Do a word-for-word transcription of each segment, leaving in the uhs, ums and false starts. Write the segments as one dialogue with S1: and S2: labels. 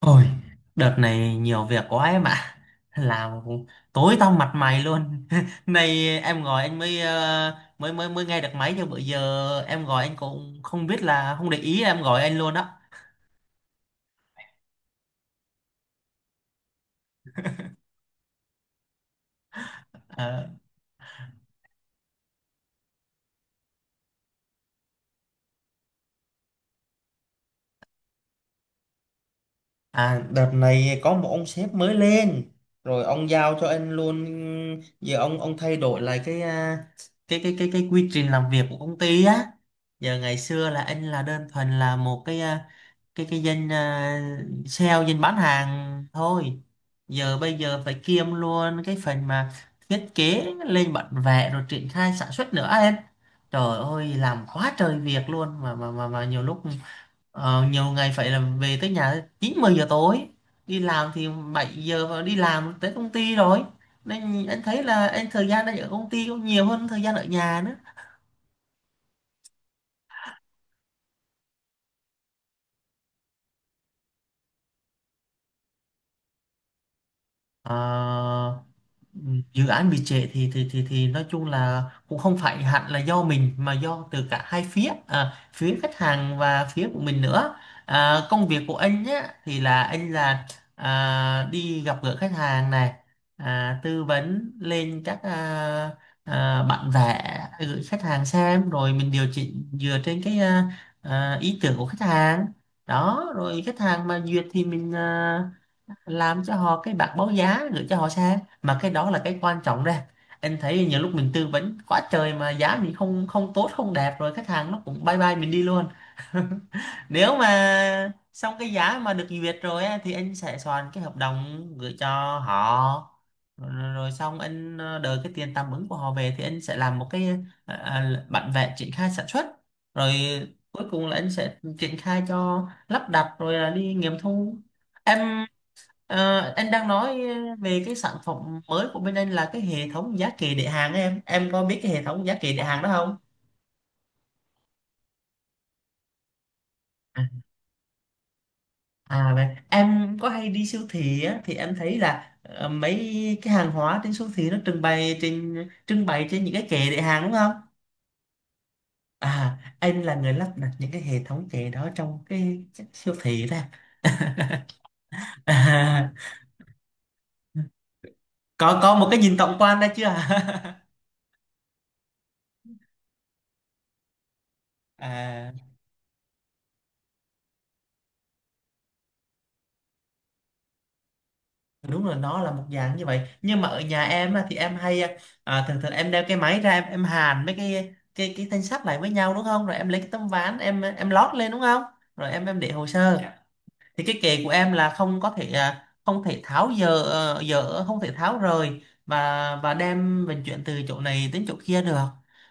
S1: Ôi, đợt này nhiều việc quá em ạ. Làm tối tăm mặt mày luôn. Nay em gọi anh mới ờ, mới mới mới nghe được máy chứ bữa giờ em gọi anh cũng không biết là không để ý em gọi anh luôn đó. Ờ. À, đợt này có một ông sếp mới lên rồi ông giao cho anh luôn. Giờ ông ông thay đổi lại cái à, cái cái cái cái quy trình làm việc của công ty á. Giờ ngày xưa là anh là đơn thuần là một cái ờ, cái cái danh, uh, sale danh bán hàng thôi. Giờ bây giờ phải kiêm luôn cái phần mà thiết kế lên bản vẽ rồi triển khai sản xuất nữa em. Trời ơi làm quá trời việc luôn, mà mà mà, mà nhiều lúc ờ, nhiều ngày phải là về tới nhà chín mười giờ tối, đi làm thì bảy giờ và đi làm tới công ty rồi. Nên anh thấy là anh thời gian đang ở công ty cũng nhiều hơn thời gian ở nhà nữa. Ờ. Dự án bị trễ thì thì thì thì nói chung là cũng không phải hẳn là do mình, mà do từ cả hai phía, à, phía khách hàng và phía của mình nữa. À, công việc của anh nhá thì là anh là, à, đi gặp gỡ khách hàng này, à, tư vấn lên các, à, à, bản vẽ gửi khách hàng xem rồi mình điều chỉnh dựa trên cái, à, à, ý tưởng của khách hàng đó. Rồi khách hàng mà duyệt thì mình à, làm cho họ cái bạc báo giá gửi cho họ xe, mà cái đó là cái quan trọng đây. Anh thấy nhiều lúc mình tư vấn quá trời mà giá mình không không tốt không đẹp, rồi khách hàng nó cũng bye bye mình đi luôn. Nếu mà xong cái giá mà được duyệt rồi á, thì anh sẽ soạn cái hợp đồng gửi cho họ. Rồi, rồi xong anh ờ, đợi cái tiền tạm ứng của họ về thì anh sẽ làm một cái, ờ, ờ, bản vẽ triển khai sản xuất. Rồi cuối cùng là anh sẽ triển khai cho lắp đặt rồi là đi nghiệm thu em. Ờ, anh đang nói ờ, về cái sản phẩm mới của bên anh là cái hệ thống giá kệ để hàng ấy, em em có biết cái hệ thống giá kệ để hàng đó không? À, à vậy em có hay đi siêu thị á, thì em thấy là ờ, mấy cái hàng hóa trên siêu thị nó trưng bày trên, trưng bày trên những cái kệ để hàng đúng không? À, anh là người lắp đặt những cái hệ thống kệ đó trong cái, cái siêu thị đó. à, có có một cái nhìn tổng quan đó chưa? à Đúng là nó là một dạng như vậy, nhưng mà ở nhà em á, thì em hay, à, thường thường em đeo cái máy ra, em, em hàn mấy cái cái cái thanh sắt lại với nhau đúng không, rồi em lấy cái tấm ván em em lót lên đúng không, rồi em em để hồ sơ. Dạ. Thì cái kệ của em là không có thể, à, không thể tháo dỡ, ờ, dỡ không thể tháo rời và và đem vận chuyển từ chỗ này đến chỗ kia được.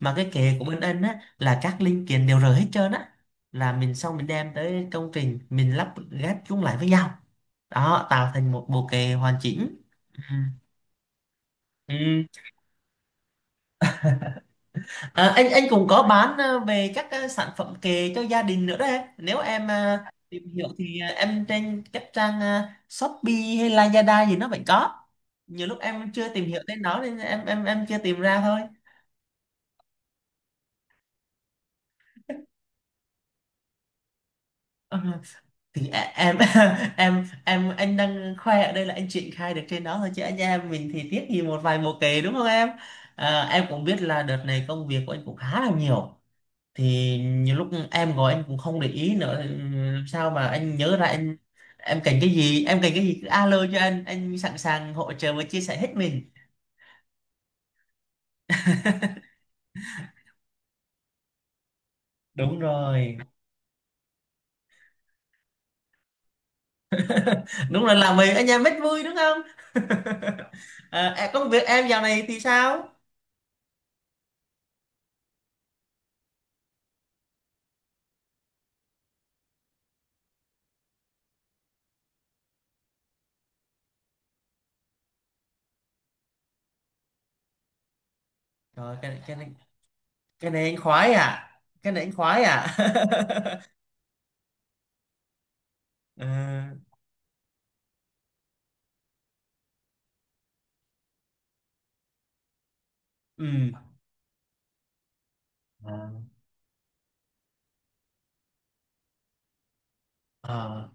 S1: Mà cái kệ của bên anh á là các linh kiện đều rời hết trơn á, là mình xong mình đem tới công trình mình lắp ghép chúng lại với nhau đó, tạo thành một bộ kệ hoàn chỉnh. Ừ. Ừ. À, anh anh cũng có bán, à, về các, à, sản phẩm kệ cho gia đình nữa đấy. Nếu em à, tìm hiểu thì, à, em trên các trang, à, Shopee hay Lazada gì nó vẫn có. Nhiều lúc em chưa tìm hiểu tên nó nên em em em chưa tìm ra thôi. Ờ, thì e- em, em em anh đang khoe ở đây là anh triển khai được trên đó thôi, chứ anh em mình thì tiếc gì một vài bộ kệ đúng không em? À, em cũng biết là đợt này công việc của anh cũng khá là nhiều, thì nhiều lúc em gọi anh cũng không để ý nữa thì làm sao mà anh nhớ ra. Anh em cần cái gì, em cần cái gì cứ alo cho anh anh sẵn sàng hỗ trợ và chia sẻ hết mình. Đúng rồi. Đúng là làm mình anh em rất vui đúng không? À, em công việc em dạo này thì sao? Rồi cái cái này, cái này anh khoái à. Cái này anh khoái à. Ờ. Ừ. à,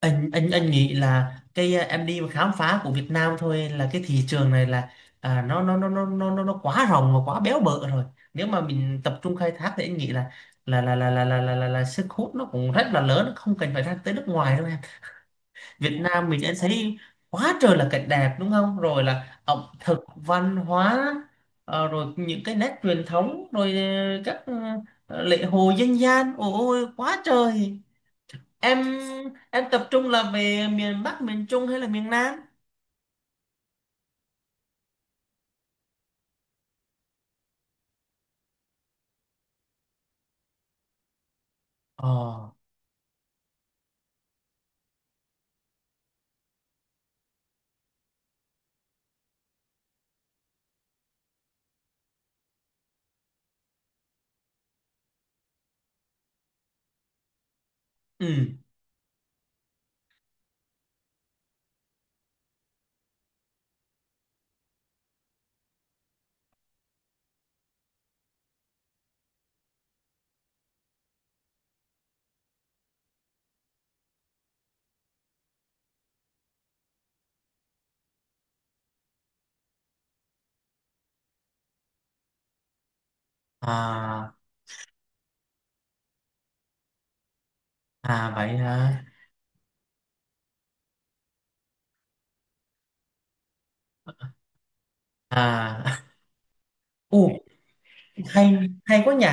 S1: anh anh anh nghĩ là cái, à, em đi mà khám phá của Việt Nam thôi, là cái thị trường này là, à, nó nó nó nó nó nó nó quá rộng và quá béo bở rồi. Nếu mà mình tập trung khai thác thì anh nghĩ là là là là là là là, là, là sức hút nó cũng rất là lớn, không cần phải ra tới nước ngoài đâu em. Việt Nam mình anh thấy quá trời là cảnh đẹp đúng không, rồi là ẩm thực, văn hóa, ờ, rồi những cái nét truyền thống, rồi ờ, các, ờ, lễ hội dân gian, ôi ôi, quá trời. em em tập trung là về miền Bắc, miền Trung hay là miền Nam? Ờ. Ừ. À. À vậy hả? À. u Hay, hay quá nhỉ.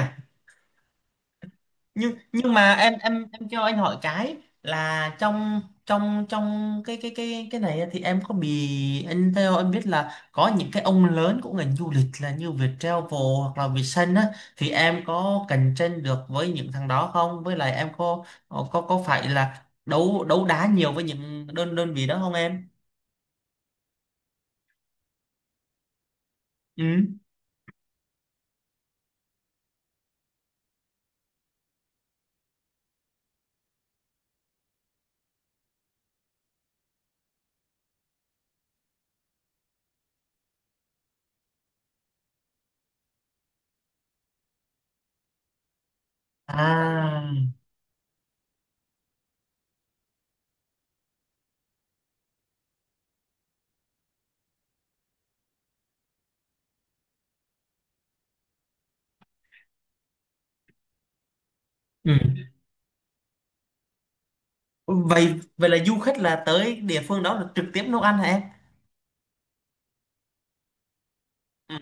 S1: Nhưng nhưng mà em em em cho anh hỏi cái, là trong, trong trong cái cái cái cái này thì em có bị anh, theo em biết là có những cái ông lớn của ngành du lịch là như Viettravel hoặc là Vietsun á, thì em có cạnh tranh được với những thằng đó không, với lại em có, ờ, có có phải là đấu đấu đá nhiều với những đơn đơn vị đó không em? Ừ. À. Ừ. vậy vậy là du khách là tới địa phương đó là trực tiếp nấu ăn hả em? Ừ.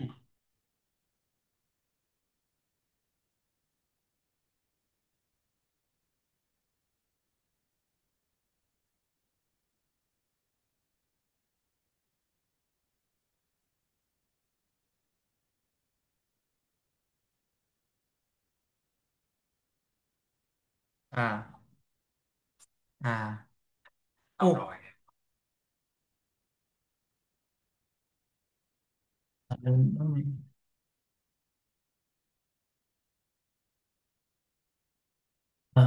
S1: À. À. Ồ. Ờ, đúng rồi. Ờ.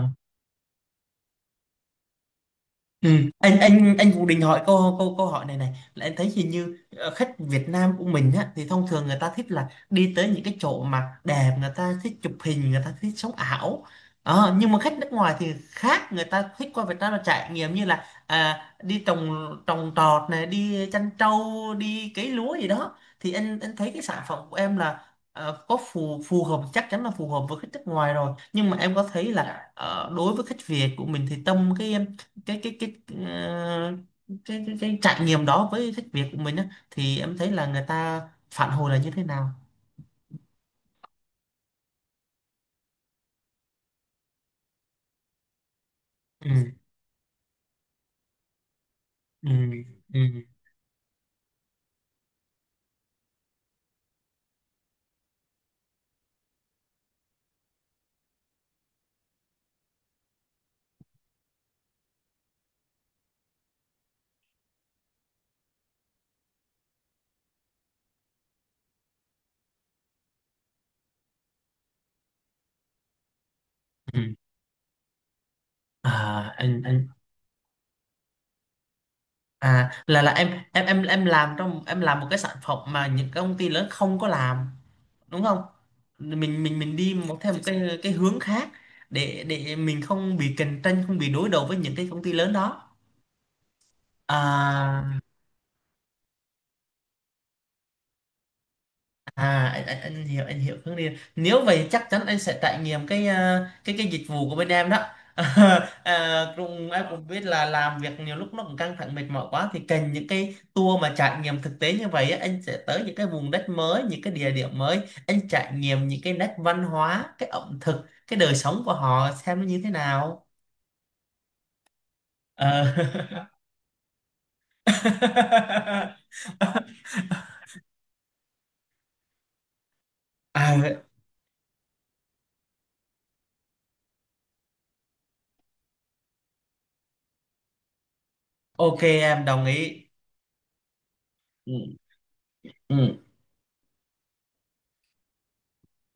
S1: Ừ. Anh anh anh Vũ định hỏi câu câu câu hỏi này này là anh thấy hình như, ờ, khách Việt Nam của mình á thì thông thường người ta thích là đi tới những cái chỗ mà đẹp, người ta thích chụp hình, người ta thích sống ảo. Ờ, nhưng mà khách nước ngoài thì khác, người ta thích qua Việt Nam là trải nghiệm như là, à, đi trồng trồng trọt này, đi chăn trâu, đi cấy lúa gì đó. Thì anh anh thấy cái sản phẩm của em là, ờ, có phù phù hợp, chắc chắn là phù hợp với khách nước ngoài rồi. Nhưng mà em có thấy là, ờ, đối với khách Việt của mình thì tâm cái cái cái cái ờ, cái cái, cái trải nghiệm đó với thách việc của mình á thì em thấy là người ta phản hồi là như thế nào? Ừ. Ừ. Ừ. Ừ. à anh anh à là là em em em em làm trong, em làm một cái sản phẩm mà những cái công ty lớn không có làm đúng không? Mình mình mình đi một theo một cái cái hướng khác, để để mình không bị cạnh tranh, không bị đối đầu với những cái công ty lớn đó. À À anh, anh, anh hiểu anh hiểu hướng đi. Nếu vậy chắc chắn anh sẽ trải nghiệm cái, ờ, cái cái dịch vụ của bên em đó. à, cũng Em cũng biết là làm việc nhiều lúc nó cũng căng thẳng mệt mỏi quá, thì cần những cái tour mà trải nghiệm thực tế như vậy á, anh sẽ tới những cái vùng đất mới, những cái địa điểm mới, anh trải nghiệm những cái nét văn hóa, cái ẩm thực, cái đời sống của họ xem nó như thế nào. Ờ. à, OK em đồng ý. Ừ. Ừ.